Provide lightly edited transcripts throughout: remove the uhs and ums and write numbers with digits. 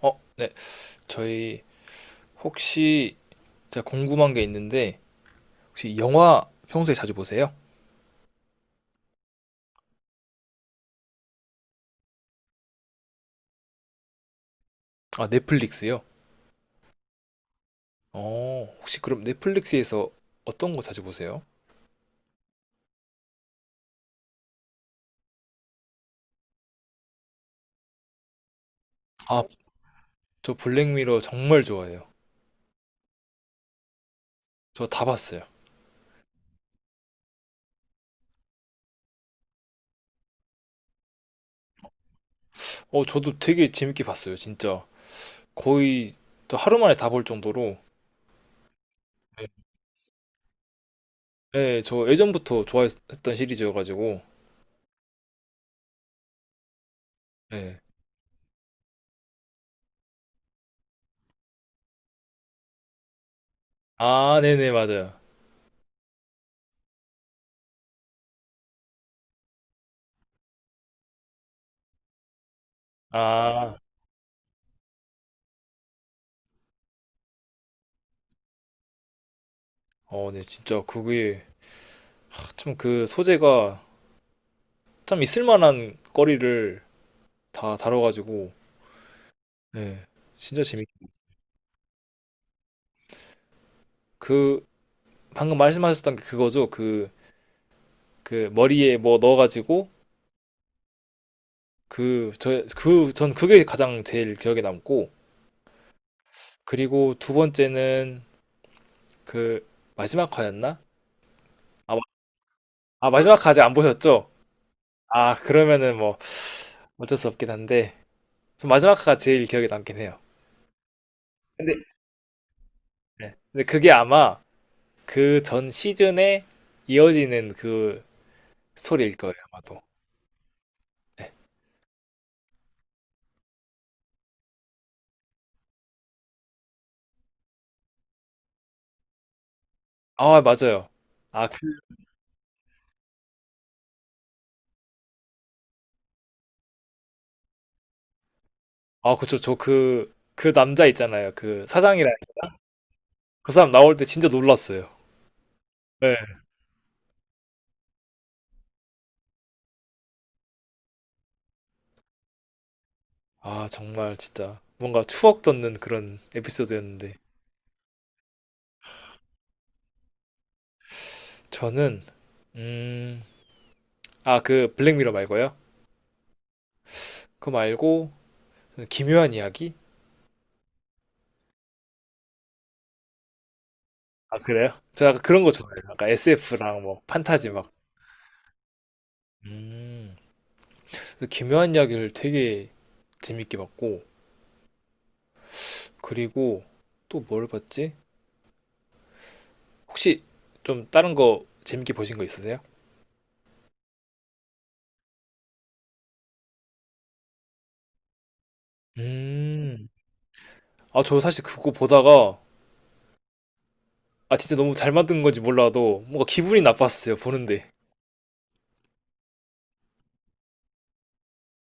어, 네. 저희 혹시 제가 궁금한 게 있는데 혹시 영화 평소에 자주 보세요? 아, 넷플릭스요? 어, 혹시 그럼 넷플릭스에서 어떤 거 자주 보세요? 아, 저 블랙미러 정말 좋아해요. 저 다 봤어요. 어, 저도 되게 재밌게 봤어요, 진짜. 거의 저 하루 만에 다 볼 정도로. 네, 네, 저 예전부터 좋아했던 시리즈여가지고. 네. 아, 네네, 맞아요. 아, 어, 네, 진짜 그게 참 그 소재가 참 있을만한 거리를 다 다뤄가지고. 네, 진짜 재밌. 그 방금 말씀하셨던 게 그거죠. 그 머리에 뭐 넣어가지고 그 저 그 전 그게 가장 제일 기억에 남고, 그리고 두 번째는 그 마지막 화였나? 아, 마- 아 마지막 화 아직 안 보셨죠? 아 그러면은 뭐 어쩔 수 없긴 한데 전 마지막 화가 제일 기억에 남긴 해요. 근데 네. 근데 그게 아마 그 전 시즌에 이어지는 그 스토리일 거예요 아마도. 네. 아, 맞아요. 아, 그, 아, 그쵸. 저 그, 그 남자 있잖아요. 그 사장이랑 그 사람 나올 때 진짜 놀랐어요. 네. 아, 정말 진짜 뭔가 추억 돋는 그런 에피소드였는데. 저는, 음, 아, 그 블랙미러 말고요. 그거 말고, 기묘한 이야기? 아, 그래요? 제가 약간 그런 거 좋아해요. 약간 SF랑 뭐 판타지 막. 음, 그래서 기묘한 이야기를 되게 재밌게 봤고, 그리고 또 뭘 봤지? 혹시 좀 다른 거 재밌게 보신 거 있으세요? 음. 아, 저 사실 그거 보다가 아 진짜 너무 잘 만든 건지 몰라도 뭔가 기분이 나빴어요 보는데.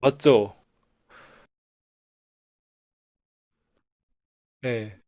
맞죠? 예.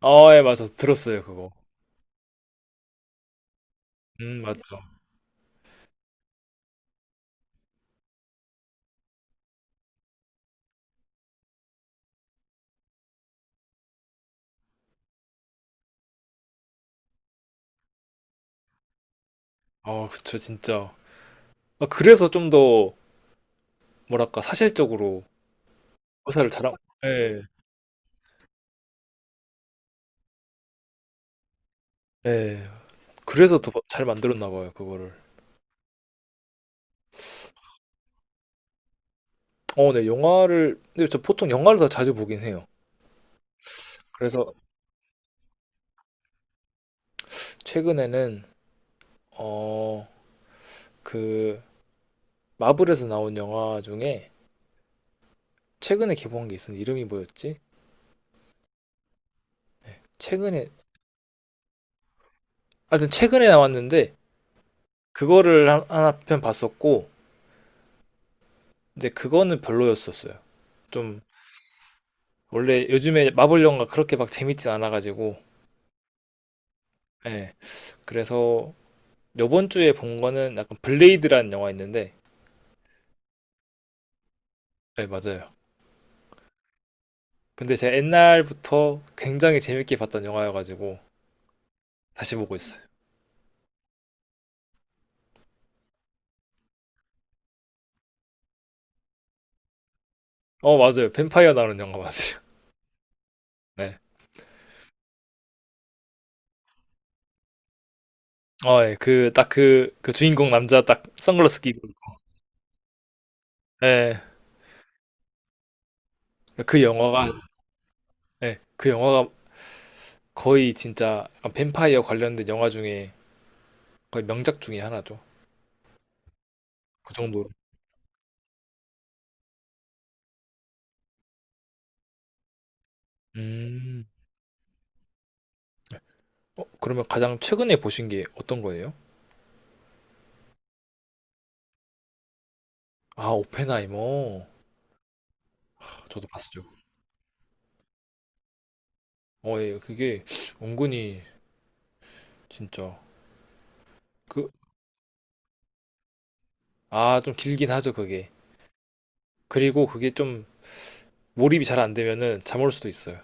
아, 예, 맞아 들었어요 그거. 맞죠. 아, 그쵸 진짜. 아, 그래서 좀 더 뭐랄까 사실적으로 묘사를 잘한. 예, 예. 그래서 더 막 잘 만들었나 봐요 그거를. 어, 네 영화를 근데 저 보통 영화를 더 자주 보긴 해요. 그래서 최근에는 어 그 마블에서 나온 영화 중에 최근에 개봉한 게 있었는데 이름이 뭐였지? 최근에, 하여튼 최근에 나왔는데 그거를 한- 하나 편 봤었고 근데 그거는 별로였었어요. 좀 원래 요즘에 마블 영화 그렇게 막 재밌진 않아가지고. 예, 그래서 요번 주에 본 거는 약간 블레이드라는 영화 있는데. 예 맞아요. 근데 제가 옛날부터 굉장히 재밌게 봤던 영화여가지고 다시 보고 있어요. 어 맞아요 뱀파이어 나오는 영화 맞아요. 네어예그딱그 그딱 그, 그 주인공 남자 딱 선글라스 끼고 예 그 영화가, 예 그 영화가 거의 진짜 약간 뱀파이어 관련된 영화 중에 거의 명작 중에 하나죠. 그 정도로. 음. 어, 그러면 가장 최근에 보신 게 어떤 거예요? 아, 오펜하이머. 아, 저도 봤죠. 어, 예, 그게 은근히 진짜 그, 아, 좀 길긴 하죠, 그게. 그리고 그게 좀 몰입이 잘 안 되면은 잠올 수도 있어요.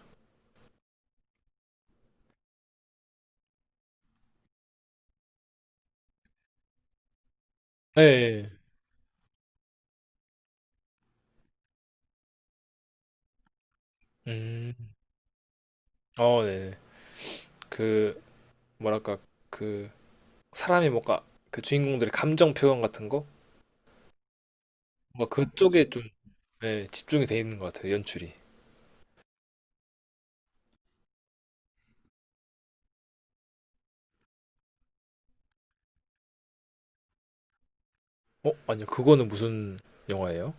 예, 예. 예. 어, 네. 그, 뭐랄까, 그, 사람이 뭔가, 그 주인공들의 감정 표현 같은 거? 뭔가 그쪽에 좀, 예, 집중이 돼 있는 것 같아요, 연출이. 어? 아니요. 그거는 무슨 영화예요?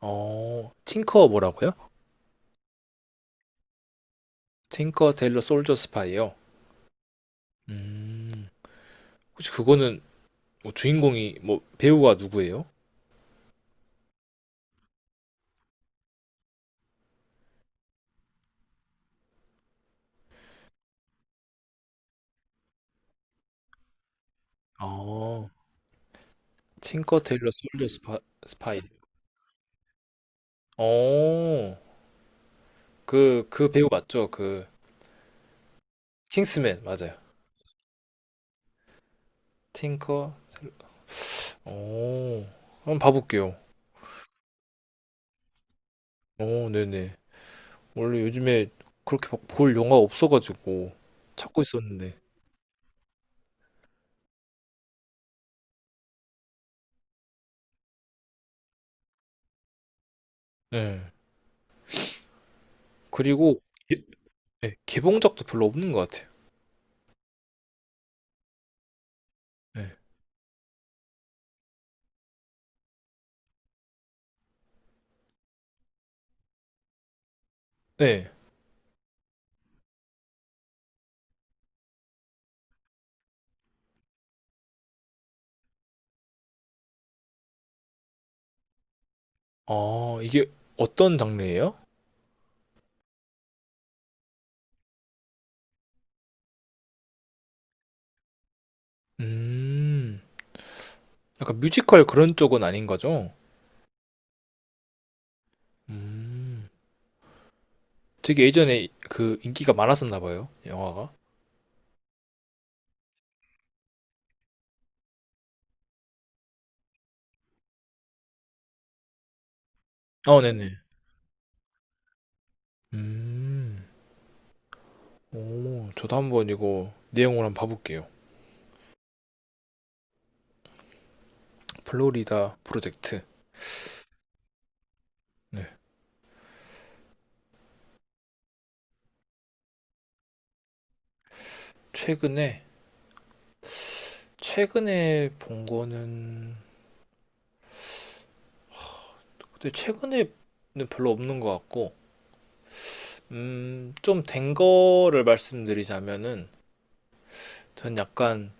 어, 틴커 뭐라고요? 틴커 일러 솔저 스파이요. 음. 혹시 그거는 뭐 주인공이 뭐 배우가 누구예요? 어. 틴커 일러 솔저 스파, 스파이. 어. 그 배우 맞죠? 그 킹스맨 맞아요. 틴커 델러. 어. 한번 봐 볼게요. 어, 네네. 원래 요즘에 그렇게 막볼 영화 없어가지고 찾고 있었는데. 네. 그리고 예- 네, 개봉작도 별로 없는 것 같아요. 네. 네. 아, 이게 어떤 장르예요? 음, 약간 뮤지컬 그런 쪽은 아닌 거죠? 음, 되게 예전에 그 인기가 많았었나 봐요, 영화가. 아, 네네. 음, 오, 저도 한번 이거 내용을 한번 봐볼게요. 플로리다 프로젝트. 네. 최근에, 최근에 본 거는, 근데 최근에는 별로 없는 것 같고, 좀 된 거를 말씀드리자면은, 전 약간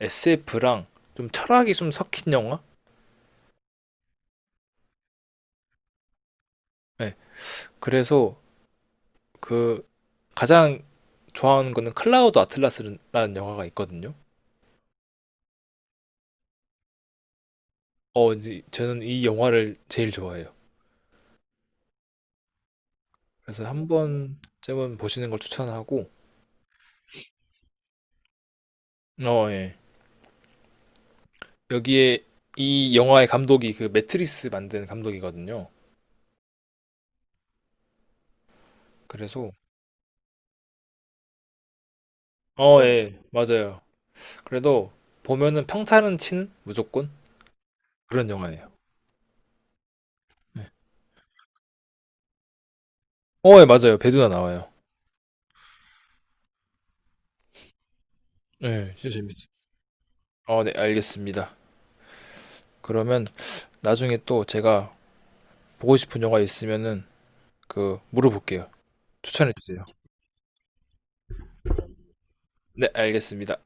SF랑 좀 철학이 좀 섞인 영화? 네. 그래서 그 가장 좋아하는 거는 클라우드 아틀라스라는 영화가 있거든요. 어, 이제 저는 이 영화를 제일 좋아해요. 그래서 한 번쯤은 보시는 걸 추천하고, 어, 예. 여기에 이 영화의 감독이 그 매트리스 만든 감독이거든요. 그래서, 어, 예, 맞아요. 그래도 보면은 평타는 치는 무조건 그런 영화예요. 네. 어, 예, 맞아요. 배두나 나와요. 예, 진짜 재밌어요. 어, 네, 알겠습니다. 그러면 나중에 또 제가 보고 싶은 영화 있으면은 그 물어볼게요. 추천해 주세요. 네, 알겠습니다.